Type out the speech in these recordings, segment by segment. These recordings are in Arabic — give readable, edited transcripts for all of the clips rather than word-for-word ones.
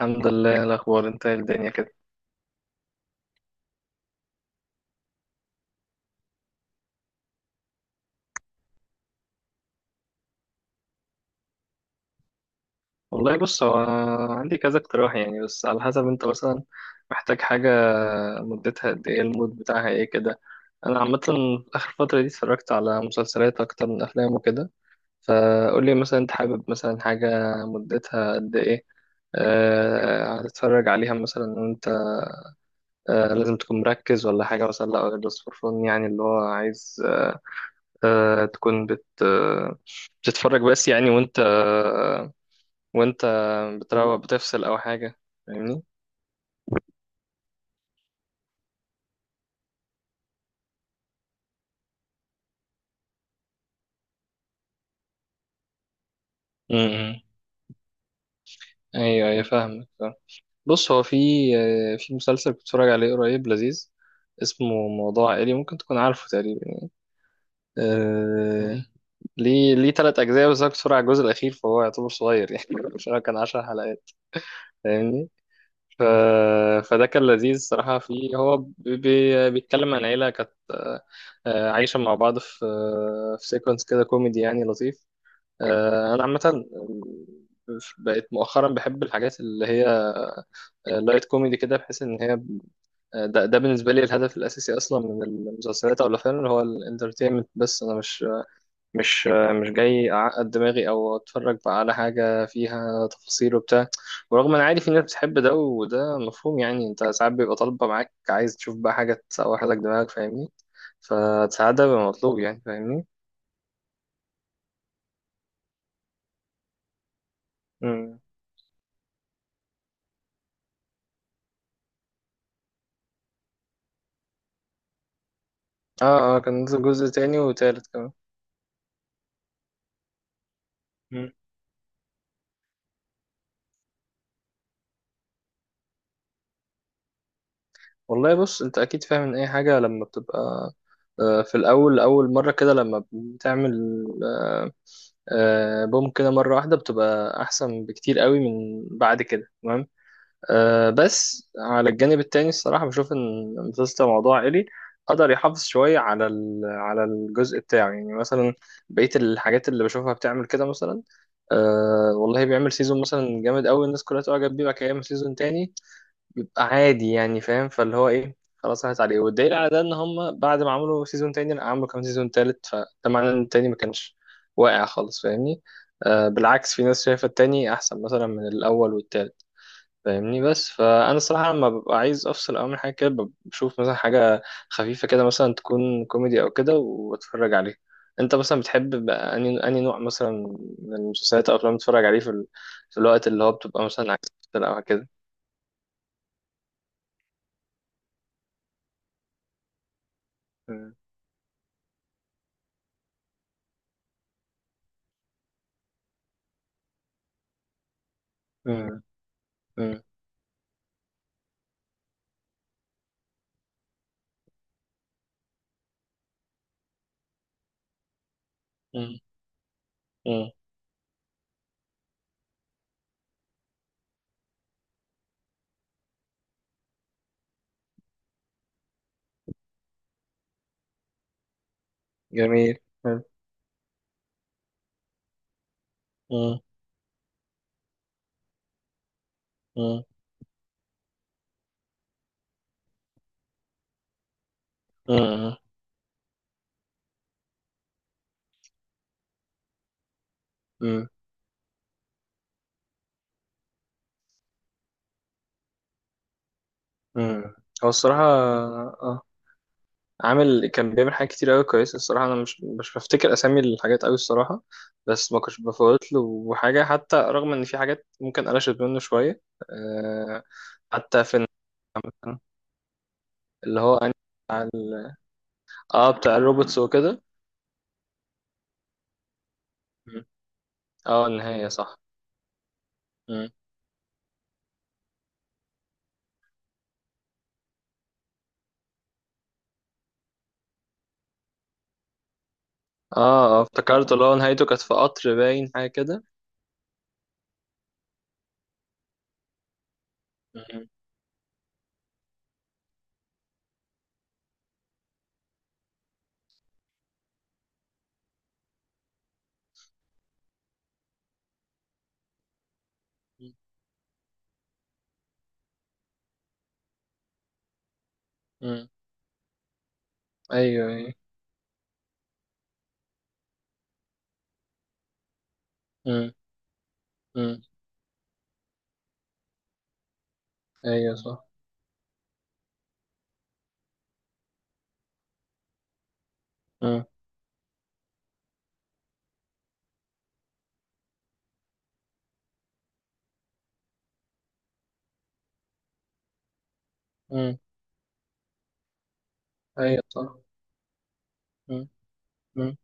الحمد لله. إيه الأخبار؟ انت إيه الدنيا كده؟ والله بص، هو عندي كذا اقتراح يعني، بس على حسب انت مثلا محتاج حاجة، مدتها قد ايه، المود بتاعها ايه كده. أنا عامة آخر فترة دي اتفرجت على مسلسلات أكتر من أفلام وكده. فقول لي مثلا انت حابب مثلا حاجة مدتها قد ايه، هتتفرج عليها مثلا انت، لازم تكون مركز ولا حاجة مثلا، لا بس فور فن يعني اللي هو عايز أه تكون بت آه، بتتفرج بس يعني. وانت بتروق بتفصل او حاجه، فاهمني؟ امم. ايوه ايوه فاهمك فاهم. بص هو في في مسلسل كنت بتفرج عليه قريب لذيذ، اسمه موضوع عائلي، ممكن تكون عارفه تقريبا. آه... ليه تلات أجزاء بس، أنا كنت بتفرج على الجزء الأخير فهو يعتبر صغير يعني مش عارف، كان عشر حلقات، فاهمني؟ ف... فده كان لذيذ صراحة فيه. هو بيتكلم عن عيلة كانت عايشة مع بعض في في سيكونس كده كوميدي يعني لطيف. انا عامه بقيت مؤخرا بحب الحاجات اللي هي لايت كوميدي كده، بحيث ان هي ده بالنسبه لي الهدف الاساسي اصلا من المسلسلات او الافلام، اللي هو الانترتينمنت بس. انا مش جاي اعقد دماغي او اتفرج بقى على حاجه فيها تفاصيل وبتاع. ورغم ان عادي في ناس بتحب ده، وده مفهوم يعني، انت ساعات بيبقى طالبه معاك عايز تشوف بقى حاجه تسوح لك دماغك، فاهمني؟ فساعات ده بيبقى مطلوب يعني، فاهمني؟ مم. اه اه، كان نزل جزء تاني وتالت كمان. والله بص، انت اكيد فاهم ان اي حاجه لما بتبقى في الاول اول مره كده، لما بتعمل آه، بوم كده مره واحده، بتبقى احسن بكتير قوي من بعد كده، تمام؟ بس على الجانب التاني، الصراحه بشوف ان مسلسل موضوع عائلي قدر يحافظ شويه على على الجزء بتاعه، يعني مثلا بقيه الحاجات اللي بشوفها بتعمل كده مثلا والله بيعمل سيزون مثلا جامد قوي، الناس كلها تعجب بيه، بعد كده يعمل سيزون تاني بيبقى عادي يعني، فاهم؟ فاللي هو ايه، خلاص راحت عليه. والدليل على ده ان هم بعد ما عملوا سيزون تاني لا، عملوا كمان سيزون تالت، فده معناه ان التاني ما كانش واقع خالص، فاهمني؟ آه بالعكس، في ناس شايفة التاني احسن مثلا من الاول والتالت، فاهمني؟ بس فانا الصراحة لما ببقى عايز افصل او من حاجة كده، بشوف مثلا حاجة خفيفة كده، مثلا تكون كوميدي او كده، واتفرج عليها. انت مثلا بتحب بقى اني نوع مثلا من المسلسلات او افلام تتفرج عليه في في الوقت اللي هو بتبقى مثلا عايز تفصل او كده؟ مم. مم. مم. مم. جميل. حلو. مم. مم. مم. مم. مم. هو الصراحة اه عامل، كان بيعمل حاجات كتير قوي كويسة الصراحة. أنا مش بفتكر أسامي الحاجات قوي الصراحة، بس ما كنتش بفوت له حاجة، حتى رغم إن في حاجات ممكن قلشت منه شوية. آه. حتى في مثلا اللي هو أنهي بتاع اه بتاع الروبوتس وكده. مم. اه النهاية صح. مم. اه اه افتكرت اللي هو نهايته كانت في قطر باين حاجة كده. مم. مم. ايوه ايوه. امم. امم. ايوه صح. امم. امم. ايوه صح. امم. امم.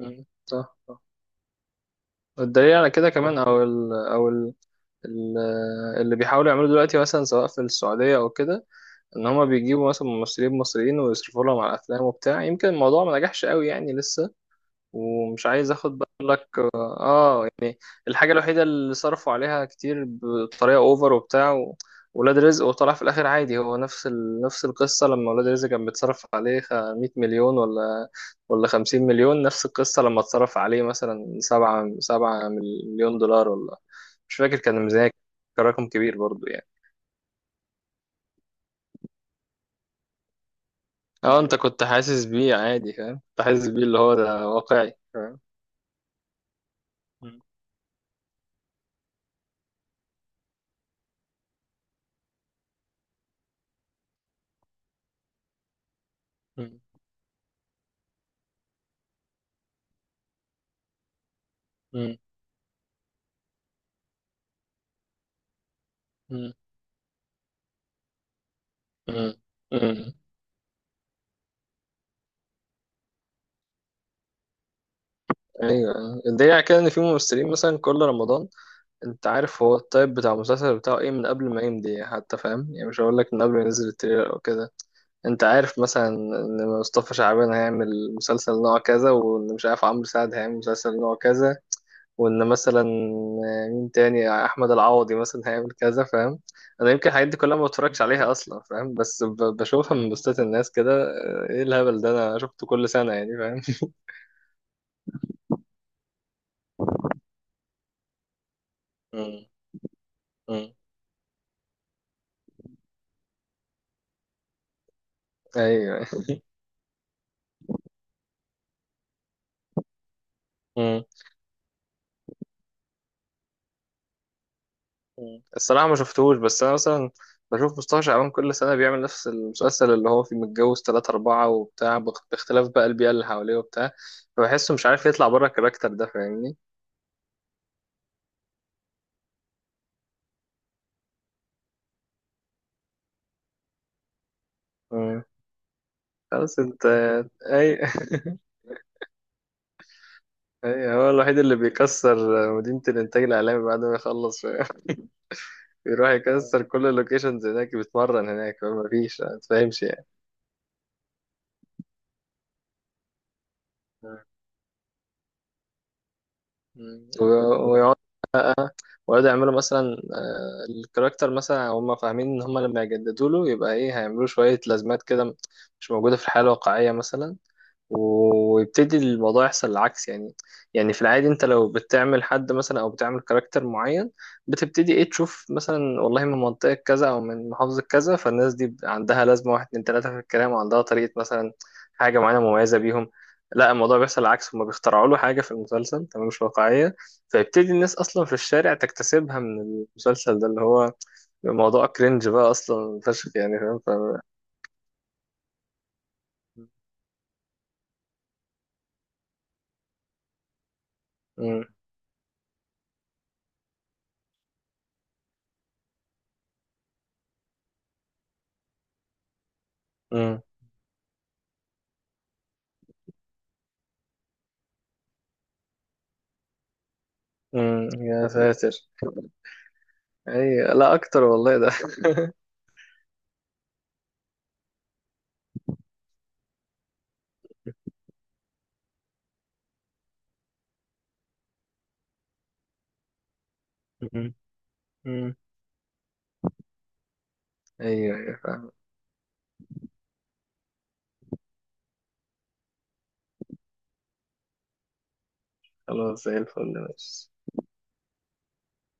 امم. صح صح. والدليل على كده كمان، او ال او ال ال اللي بيحاولوا يعملوا دلوقتي مثلا، سواء في السعوديه او كده، ان هما بيجيبوا مثلا ممثلين مصريين ويصرفوا لهم على الافلام وبتاع، يمكن الموضوع ما نجحش قوي يعني لسه. ومش عايز اخد بقى لك. اه، الحاجة الوحيدة اللي صرفوا عليها كتير بطريقة اوفر وبتاع ولاد رزق، وطلع في الآخر عادي، هو نفس نفس القصة لما ولاد رزق كان بيتصرف عليه 100 مليون ولا 50 مليون، نفس القصة لما اتصرف عليه مثلا 7 مليون دولار ولا، مش فاكر كان الميزانية، كان رقم كبير برضو يعني. اه انت كنت حاسس بيه عادي فاهم، كنت حاسس بيه اللي هو ده واقعي فاهم. مم. مم. مم. مم. مم. ايوه الدليل على كده ان في ممثلين مثلا كل رمضان، انت عارف هو التايب بتاع المسلسل بتاعه ايه من قبل ما يمضي يعني، حتى فاهم يعني، مش هقول لك من قبل ما ينزل التريلر او كده. انت عارف مثلا ان مصطفى شعبان هيعمل مسلسل نوع كذا، وان مش عارف عمرو سعد هيعمل مسلسل نوع كذا، وان مثلا مين تاني، احمد العوضي مثلا هيعمل كذا، فاهم؟ انا يمكن الحاجات دي كلها ما بتفرجش عليها اصلا فاهم، بس بشوفها من بوستات الناس كده، اه، ايه الهبل ده، انا شفته كل سنة يعني فاهم. مم. مم. ايوه. مم. الصراحة ما شفتهوش، بس أنا مثلا بشوف مصطفى شعبان كل سنة بيعمل نفس المسلسل اللي هو فيه متجوز تلاتة أربعة وبتاع، باختلاف بقى البيئة اللي حواليه وبتاع. فبحسه مش عارف يطلع بره الكاركتر ده، فاهمني. مم. خلاص أنت، أي أي، هو الوحيد اللي بيكسر مدينة الإنتاج الإعلامي بعد ما يخلص فاهم؟ بيروح يكسر كل اللوكيشنز هناك، بيتمرن هناك، ما فيش، ما تفهمش يعني. مم. ويقعدوا يعملوا مثلا الكاركتر مثلا، هم فاهمين ان هم لما يجددوا له يبقى ايه، هيعملوا شوية لازمات كده مش موجودة في الحياة الواقعية مثلا، ويبتدي الموضوع يحصل العكس يعني. يعني في العادي انت لو بتعمل حد مثلا او بتعمل كاركتر معين، بتبتدي ايه تشوف مثلا، والله من منطقة كذا او من محافظة كذا، فالناس دي عندها لازمة واحد اتنين تلاتة في الكلام، وعندها طريقة مثلا، حاجة معينة مميزة بيهم. لا، الموضوع بيحصل العكس، هما بيخترعوا له حاجة في المسلسل تمام مش واقعية، فيبتدي الناس أصلا في الشارع تكتسبها من المسلسل ده، اللي هو موضوع كرنج بقى أصلا فشخ يعني فاهم. ف... م- م- م- يا ساتر. اي لا اكتر والله ده. مم. مم. ايوه ايوه فاهم. خلاص زي الفل ماشي.